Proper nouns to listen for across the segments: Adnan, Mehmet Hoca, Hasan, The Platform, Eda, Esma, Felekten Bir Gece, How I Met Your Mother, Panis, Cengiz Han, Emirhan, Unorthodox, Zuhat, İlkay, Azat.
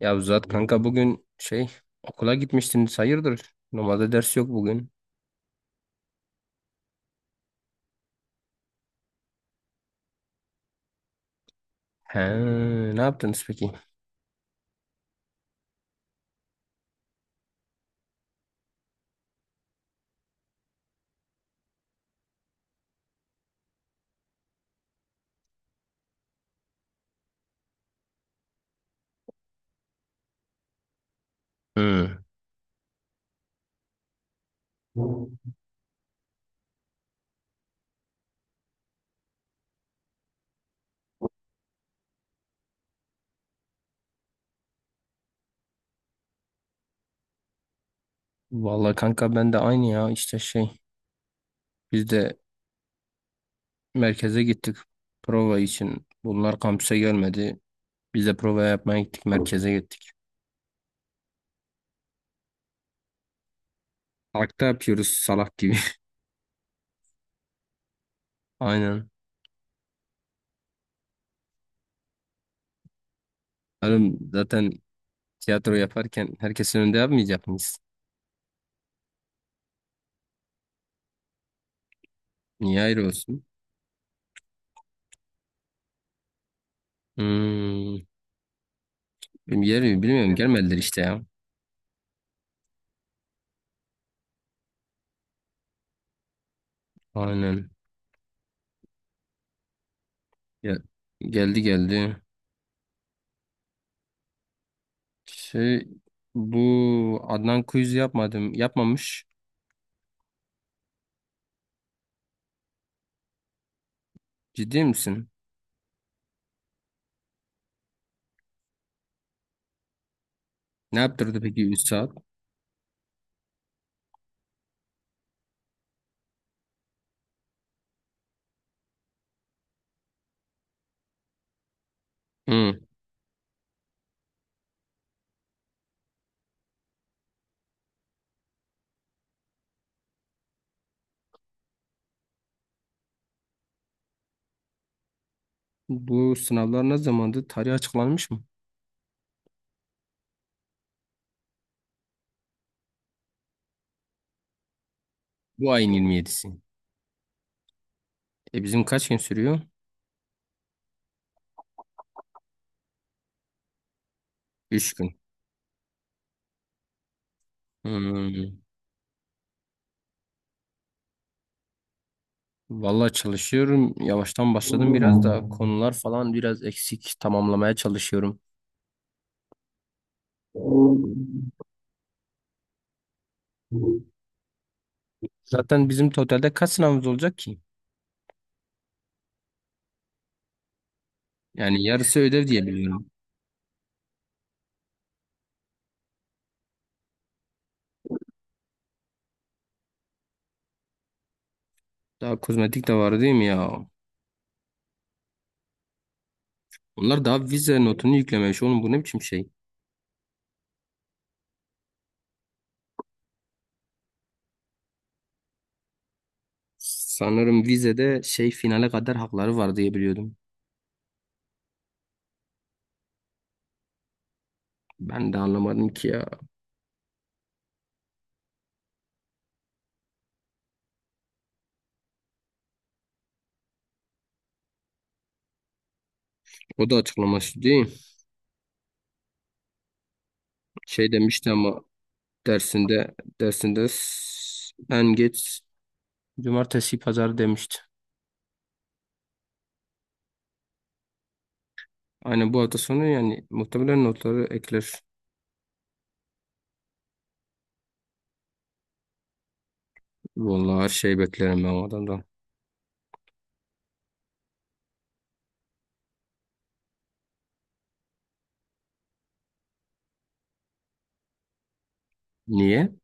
Ya Zat kanka bugün okula gitmiştiniz, hayırdır? Normalde ders yok bugün. He, ne yaptınız peki? Hı. Vallahi kanka ben de aynı ya, işte biz de merkeze gittik, prova için. Bunlar kampüse gelmedi. Biz de prova yapmaya gittik, merkeze gittik. Parkta yapıyoruz salak gibi. Aynen. Oğlum zaten tiyatro yaparken herkesin önünde yapmayacak mıyız? Niye ayrı olsun? Hmm, bilmiyorum, bilmiyorum, gelmediler işte ya. Aynen. Ya, geldi geldi. Şey, bu Adnan quiz yapmadım. Yapmamış. Ciddi misin? Ne yaptırdı peki 3 saat? Hı. Bu sınavlar ne zamandı? Tarih açıklanmış mı? Bu ayın 27'si. E bizim kaç gün sürüyor? Üç gün. Hmm. Vallahi çalışıyorum. Yavaştan başladım, biraz da konular falan biraz eksik, tamamlamaya çalışıyorum. Zaten bizim totalde kaç sınavımız olacak ki? Yani yarısı ödev diye biliyorum. Daha kozmetik de var değil mi ya? Onlar daha vize notunu yüklememiş. Oğlum bu ne biçim şey? Sanırım vizede şey finale kadar hakları var diye biliyordum. Ben de anlamadım ki ya. O da açıklaması değil. Şey demişti ama dersinde dersinde en geç cumartesi pazar demişti. Aynen, bu hafta sonu yani muhtemelen notları ekler. Vallahi her şey beklerim ben o adamdan. Niye?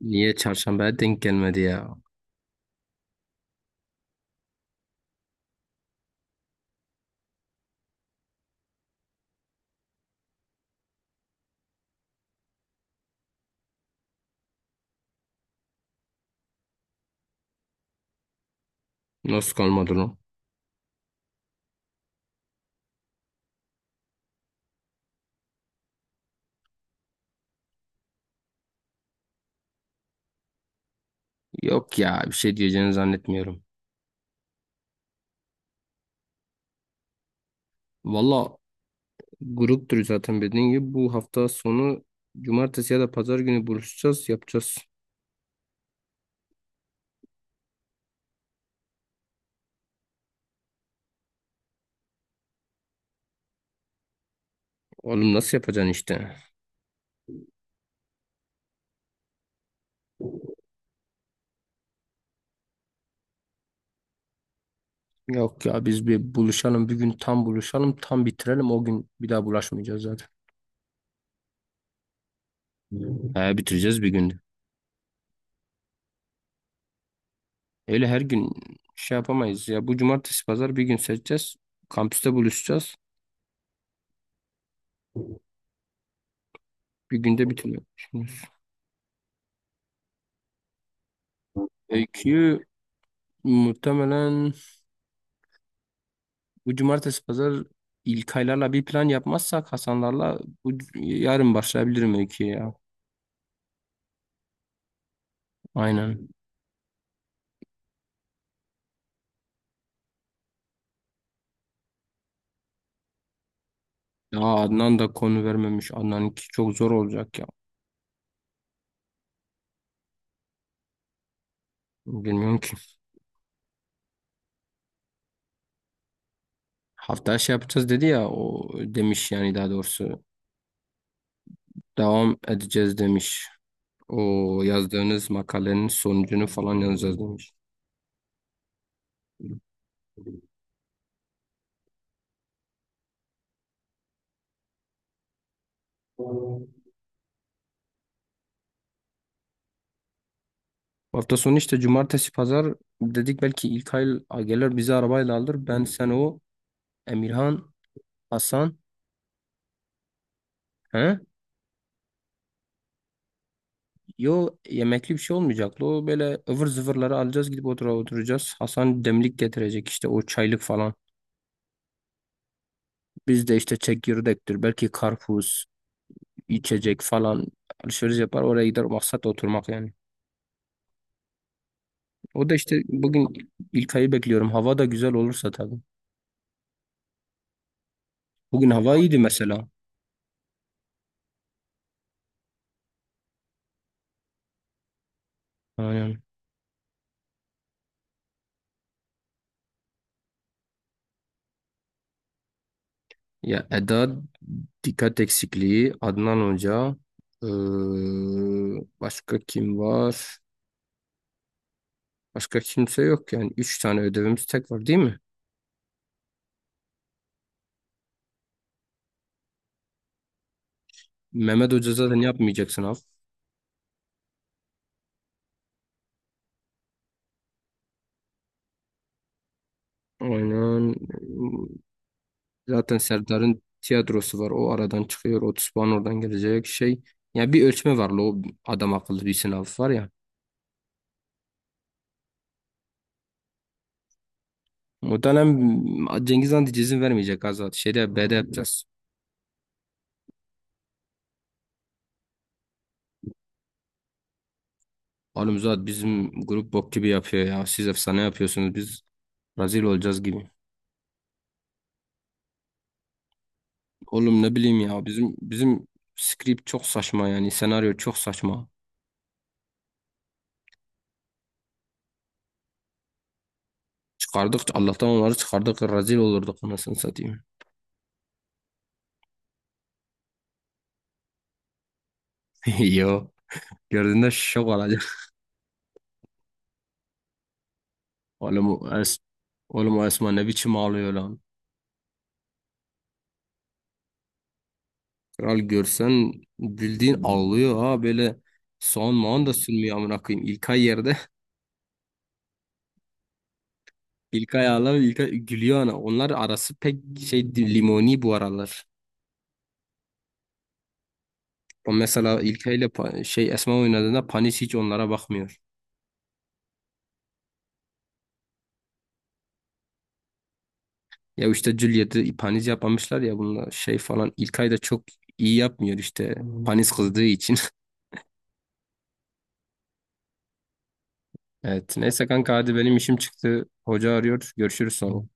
Niye çarşambaya denk gelmedi ya? Nasıl kalmadı lan? Yok ya, bir şey diyeceğini zannetmiyorum. Valla gruptur zaten dediğin gibi. Bu hafta sonu cumartesi ya da pazar günü buluşacağız, yapacağız. Oğlum nasıl yapacaksın işte? Yok ya, biz bir buluşalım bir gün, tam buluşalım tam bitirelim o gün, bir daha bulaşmayacağız zaten. He, bitireceğiz bir günde. Öyle her gün yapamayız ya. Bu cumartesi pazar bir gün seçeceğiz. Kampüste buluşacağız. Bir günde bitiriyor. Şimdi öyküyü muhtemelen bu cumartesi pazar, İlkaylarla bir plan yapmazsak Hasanlarla, yarın başlayabilirim öyküye ya. Aynen. Ya Adnan da konu vermemiş. Adnan'ınki çok zor olacak ya. Bilmiyorum ki. Haftaya şey yapacağız dedi ya, o demiş yani, daha doğrusu. Devam edeceğiz demiş. O yazdığınız makalenin sonucunu falan yazacağız demiş. Bu hafta sonu işte cumartesi pazar dedik, belki İlkay gelir bizi arabayla alır. Ben, sen, o, Emirhan, Hasan. He? Yo, yemekli bir şey olmayacaktı. O böyle ıvır zıvırları alacağız gidip oturacağız. Hasan demlik getirecek işte, o çaylık falan. Biz de işte çekirdektir, belki karpuz, içecek falan, alışveriş yapar oraya gider, maksat oturmak yani. O da işte bugün ilk İlkay'ı bekliyorum. Hava da güzel olursa tabii. Bugün hava iyiydi mesela. Aynen. Ya Eda, dikkat eksikliği, Adnan Hoca, ee, başka kim var? Başka kimse yok yani. Üç tane ödevimiz tek var değil mi? Mehmet Hoca zaten yapmayacaksın sınav. Aynen. Zaten Serdar'ın tiyatrosu var. O aradan çıkıyor. Otuz puan oradan gelecek şey. Yani bir ölçme var, la. O adam akıllı bir sınav var ya. O dönem Cengiz Han diye izin vermeyecek Azat. Şeyde, B'de yapacağız. Oğlum Zuhat, bizim grup bok gibi yapıyor ya. Siz efsane yapıyorsunuz. Biz rezil olacağız gibi. Oğlum ne bileyim ya. Bizim script çok saçma yani. Senaryo çok saçma. Çıkardık, Allah'tan onları çıkardık. Rezil olurduk anasını satayım. Yo. Gördüğünde şok olacak. Oğlum o, es Oğlum o Esma ne biçim ağlıyor lan. Kral görsen bildiğin ağlıyor ha, böyle soğan mağan da sürmüyor amına koyayım. İlkay yerde. İlkay ağlar, İlkay gülüyor ana. Onlar arası pek limoni bu aralar. O mesela İlkay ile Esma oynadığında Panis hiç onlara bakmıyor. Ya işte Juliet'i Panis yapamışlar ya bunlar şey falan. İlkay da çok iyi yapmıyor işte, Panis kızdığı için. Evet neyse kanka, hadi benim işim çıktı. Hoca arıyor. Görüşürüz sonra.